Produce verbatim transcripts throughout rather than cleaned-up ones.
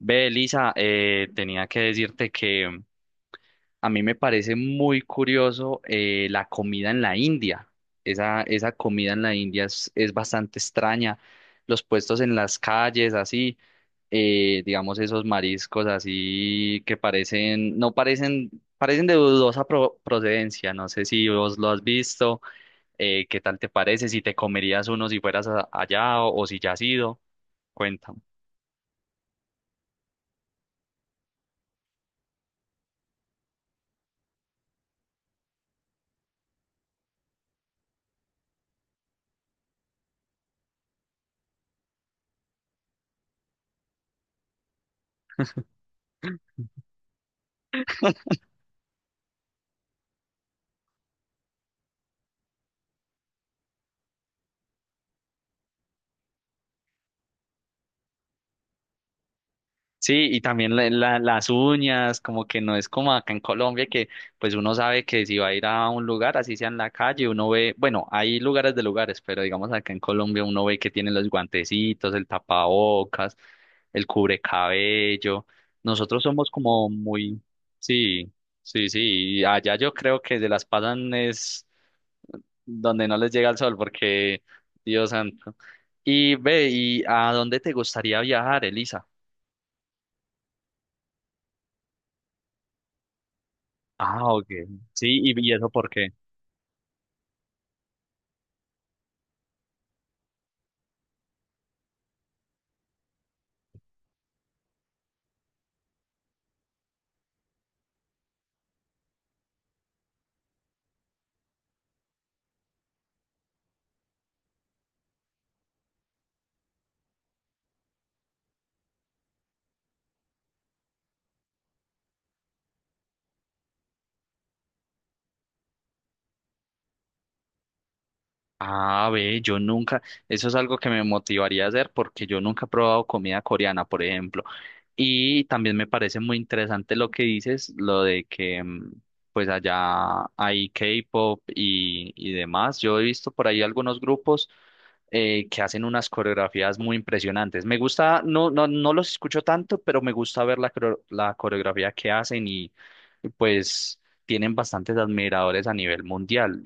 Ve, Elisa, eh, tenía que decirte que mm, a mí me parece muy curioso eh, la comida en la India. Esa, esa comida en la India es, es bastante extraña. Los puestos en las calles, así, eh, digamos, esos mariscos así que parecen, no parecen, parecen de dudosa pro- procedencia. No sé si vos lo has visto, eh, qué tal te parece, si te comerías uno si fueras a- allá o, o si ya has ido. Cuéntame. Sí, y también la- la- las uñas, como que no es como acá en Colombia, que pues uno sabe que si va a ir a un lugar, así sea en la calle, uno ve, bueno, hay lugares de lugares, pero digamos acá en Colombia uno ve que tienen los guantecitos, el tapabocas, el cubrecabello. Nosotros somos como muy, sí, sí, sí, y allá yo creo que se las pasan es donde no les llega el sol, porque Dios santo. Y ve, ¿y a dónde te gustaría viajar, Elisa? Ah, ok. Sí, y, y eso por qué. Ah, ve, yo nunca, eso es algo que me motivaría a hacer porque yo nunca he probado comida coreana, por ejemplo. Y también me parece muy interesante lo que dices, lo de que mm, pues allá hay K-pop y, y demás. Yo he visto por ahí algunos grupos eh, que hacen unas coreografías muy impresionantes. Me gusta, no, no, no los escucho tanto, pero me gusta ver la, coreo- la coreografía que hacen y pues tienen bastantes admiradores a nivel mundial.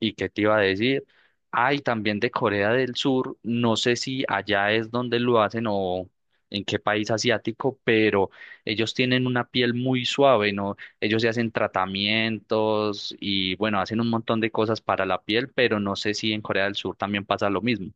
¿Y qué te iba a decir? Ay, también de Corea del Sur, no sé si allá es donde lo hacen o en qué país asiático, pero ellos tienen una piel muy suave, ¿no? Ellos se hacen tratamientos y bueno, hacen un montón de cosas para la piel, pero no sé si en Corea del Sur también pasa lo mismo.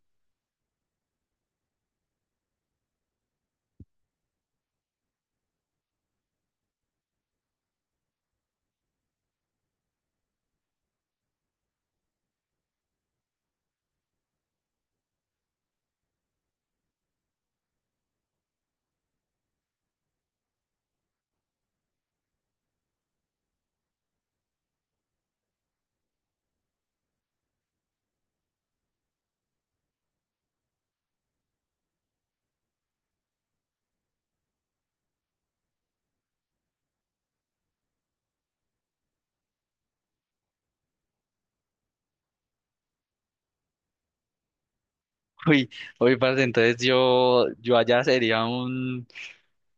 Uy, uy, parce, entonces yo, yo allá sería un...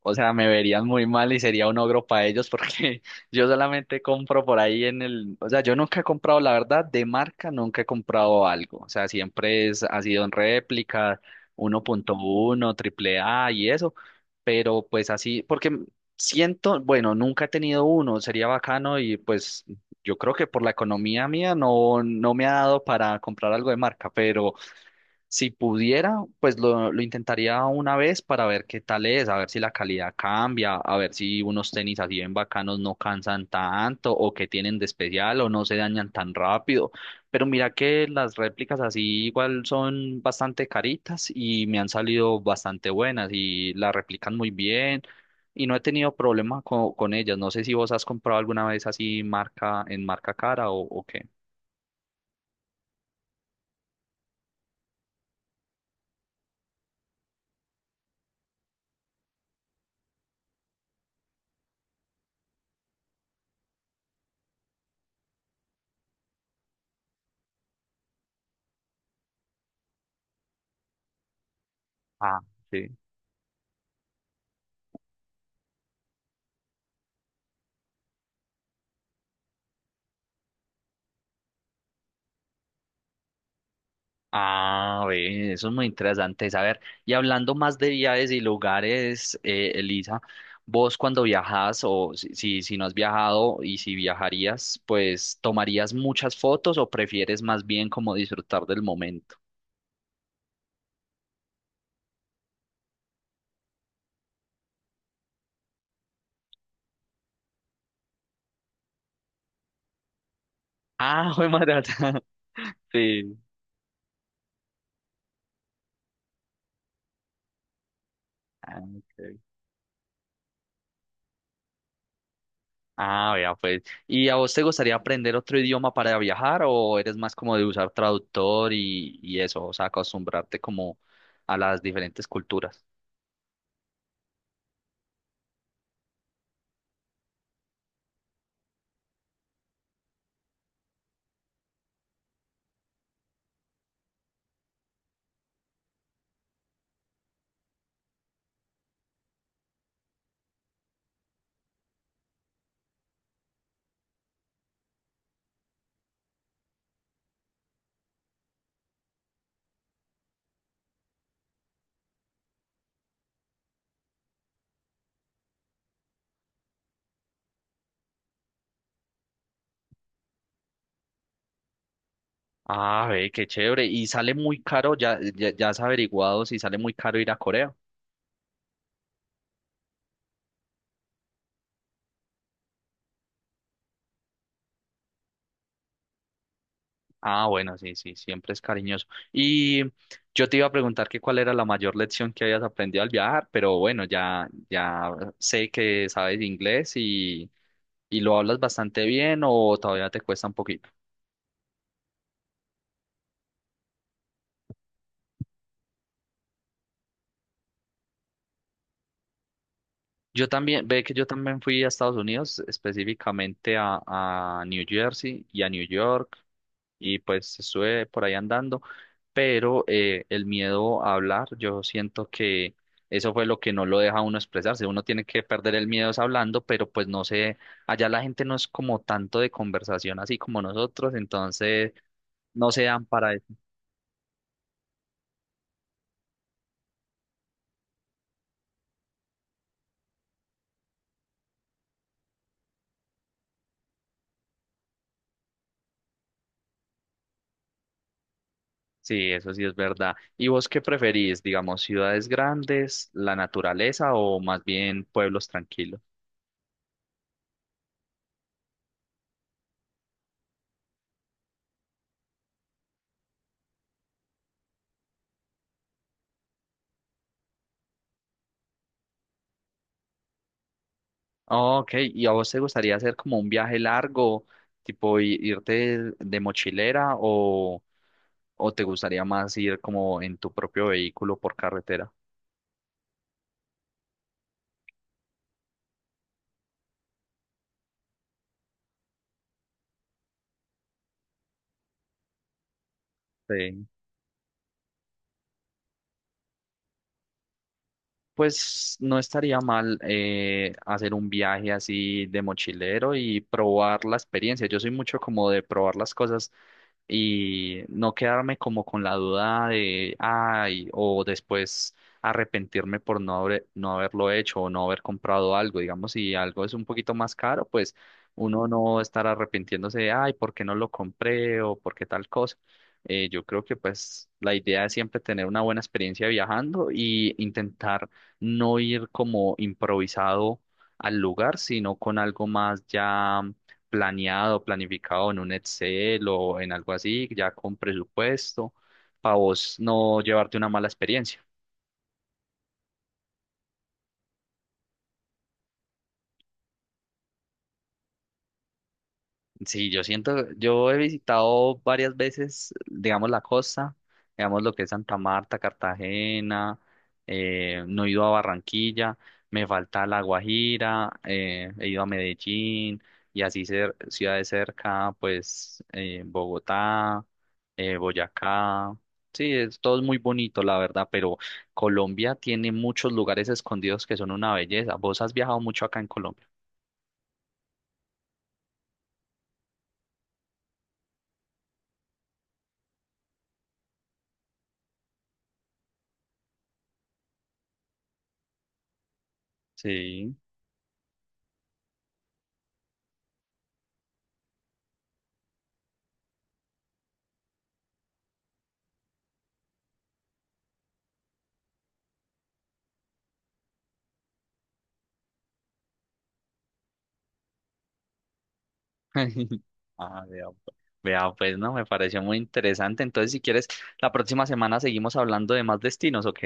O sea, me verían muy mal y sería un ogro para ellos porque yo solamente compro por ahí en el, o sea, yo nunca he comprado, la verdad, de marca nunca he comprado algo. O sea, siempre es, ha sido en réplica, uno punto uno, A A A y eso, pero pues así, porque siento, bueno, nunca he tenido uno, sería bacano y pues yo creo que por la economía mía no, no me ha dado para comprar algo de marca, pero si pudiera, pues lo, lo intentaría una vez para ver qué tal es, a ver si la calidad cambia, a ver si unos tenis así bien bacanos no cansan tanto o que tienen de especial o no se dañan tan rápido. Pero mira que las réplicas así igual son bastante caritas y me han salido bastante buenas y las replican muy bien y no he tenido problema co- con, ellas. No sé si vos has comprado alguna vez así marca en marca cara o, o qué. Ah, sí. Ah, ve, eso es muy interesante saber. Y hablando más de viajes y lugares, eh, Elisa, vos cuando viajas o si, si, si no has viajado y si viajarías, pues ¿tomarías muchas fotos o prefieres más bien como disfrutar del momento? Ah, jue madre. Sí. Ah, ok. Ah, vea, pues. ¿Y a vos te gustaría aprender otro idioma para viajar o eres más como de usar traductor y, y eso, o sea, acostumbrarte como a las diferentes culturas? Ah, ve, qué chévere. Y sale muy caro, ya, ya, ya has averiguado si sale muy caro ir a Corea. Ah, bueno, sí, sí, siempre es cariñoso. Y yo te iba a preguntar que cuál era la mayor lección que habías aprendido al viajar, pero bueno, ya, ya sé que sabes inglés y, y lo hablas bastante bien o todavía te cuesta un poquito. Yo también, ve que yo también fui a Estados Unidos, específicamente a, a New Jersey y a New York y pues estuve por ahí andando, pero eh, el miedo a hablar, yo siento que eso fue lo que no lo deja a uno expresarse, uno tiene que perder el miedo es hablando, pero pues no sé, allá la gente no es como tanto de conversación así como nosotros, entonces no se dan para eso. Sí, eso sí es verdad. ¿Y vos qué preferís, digamos, ciudades grandes, la naturaleza o más bien pueblos tranquilos? Ah, ok, ¿y a vos te gustaría hacer como un viaje largo, tipo i- irte de mochilera o, o te gustaría más ir como en tu propio vehículo por carretera? Sí. Pues no estaría mal eh, hacer un viaje así de mochilero y probar la experiencia. Yo soy mucho como de probar las cosas y no quedarme como con la duda de, ay, o después arrepentirme por no haber- no haberlo hecho o no haber comprado algo. Digamos, si algo es un poquito más caro, pues uno no estar arrepintiéndose de, ay, ¿por qué no lo compré o por qué tal cosa? Eh, yo creo que pues la idea es siempre tener una buena experiencia viajando y intentar no ir como improvisado al lugar, sino con algo más ya planeado, planificado en un Excel o en algo así, ya con presupuesto, para vos no llevarte una mala experiencia. Sí, yo siento, yo he visitado varias veces, digamos, la costa, digamos lo que es Santa Marta, Cartagena, eh, no he ido a Barranquilla, me falta La Guajira, eh, he ido a Medellín y así cer- ciudades cerca, pues eh, Bogotá, eh, Boyacá. Sí, es, todo es muy bonito, la verdad, pero Colombia tiene muchos lugares escondidos que son una belleza. ¿Vos has viajado mucho acá en Colombia? Sí. Ah, vea, pues, vea, pues, no, me pareció muy interesante. Entonces, si quieres, la próxima semana seguimos hablando de más destinos, ¿ok?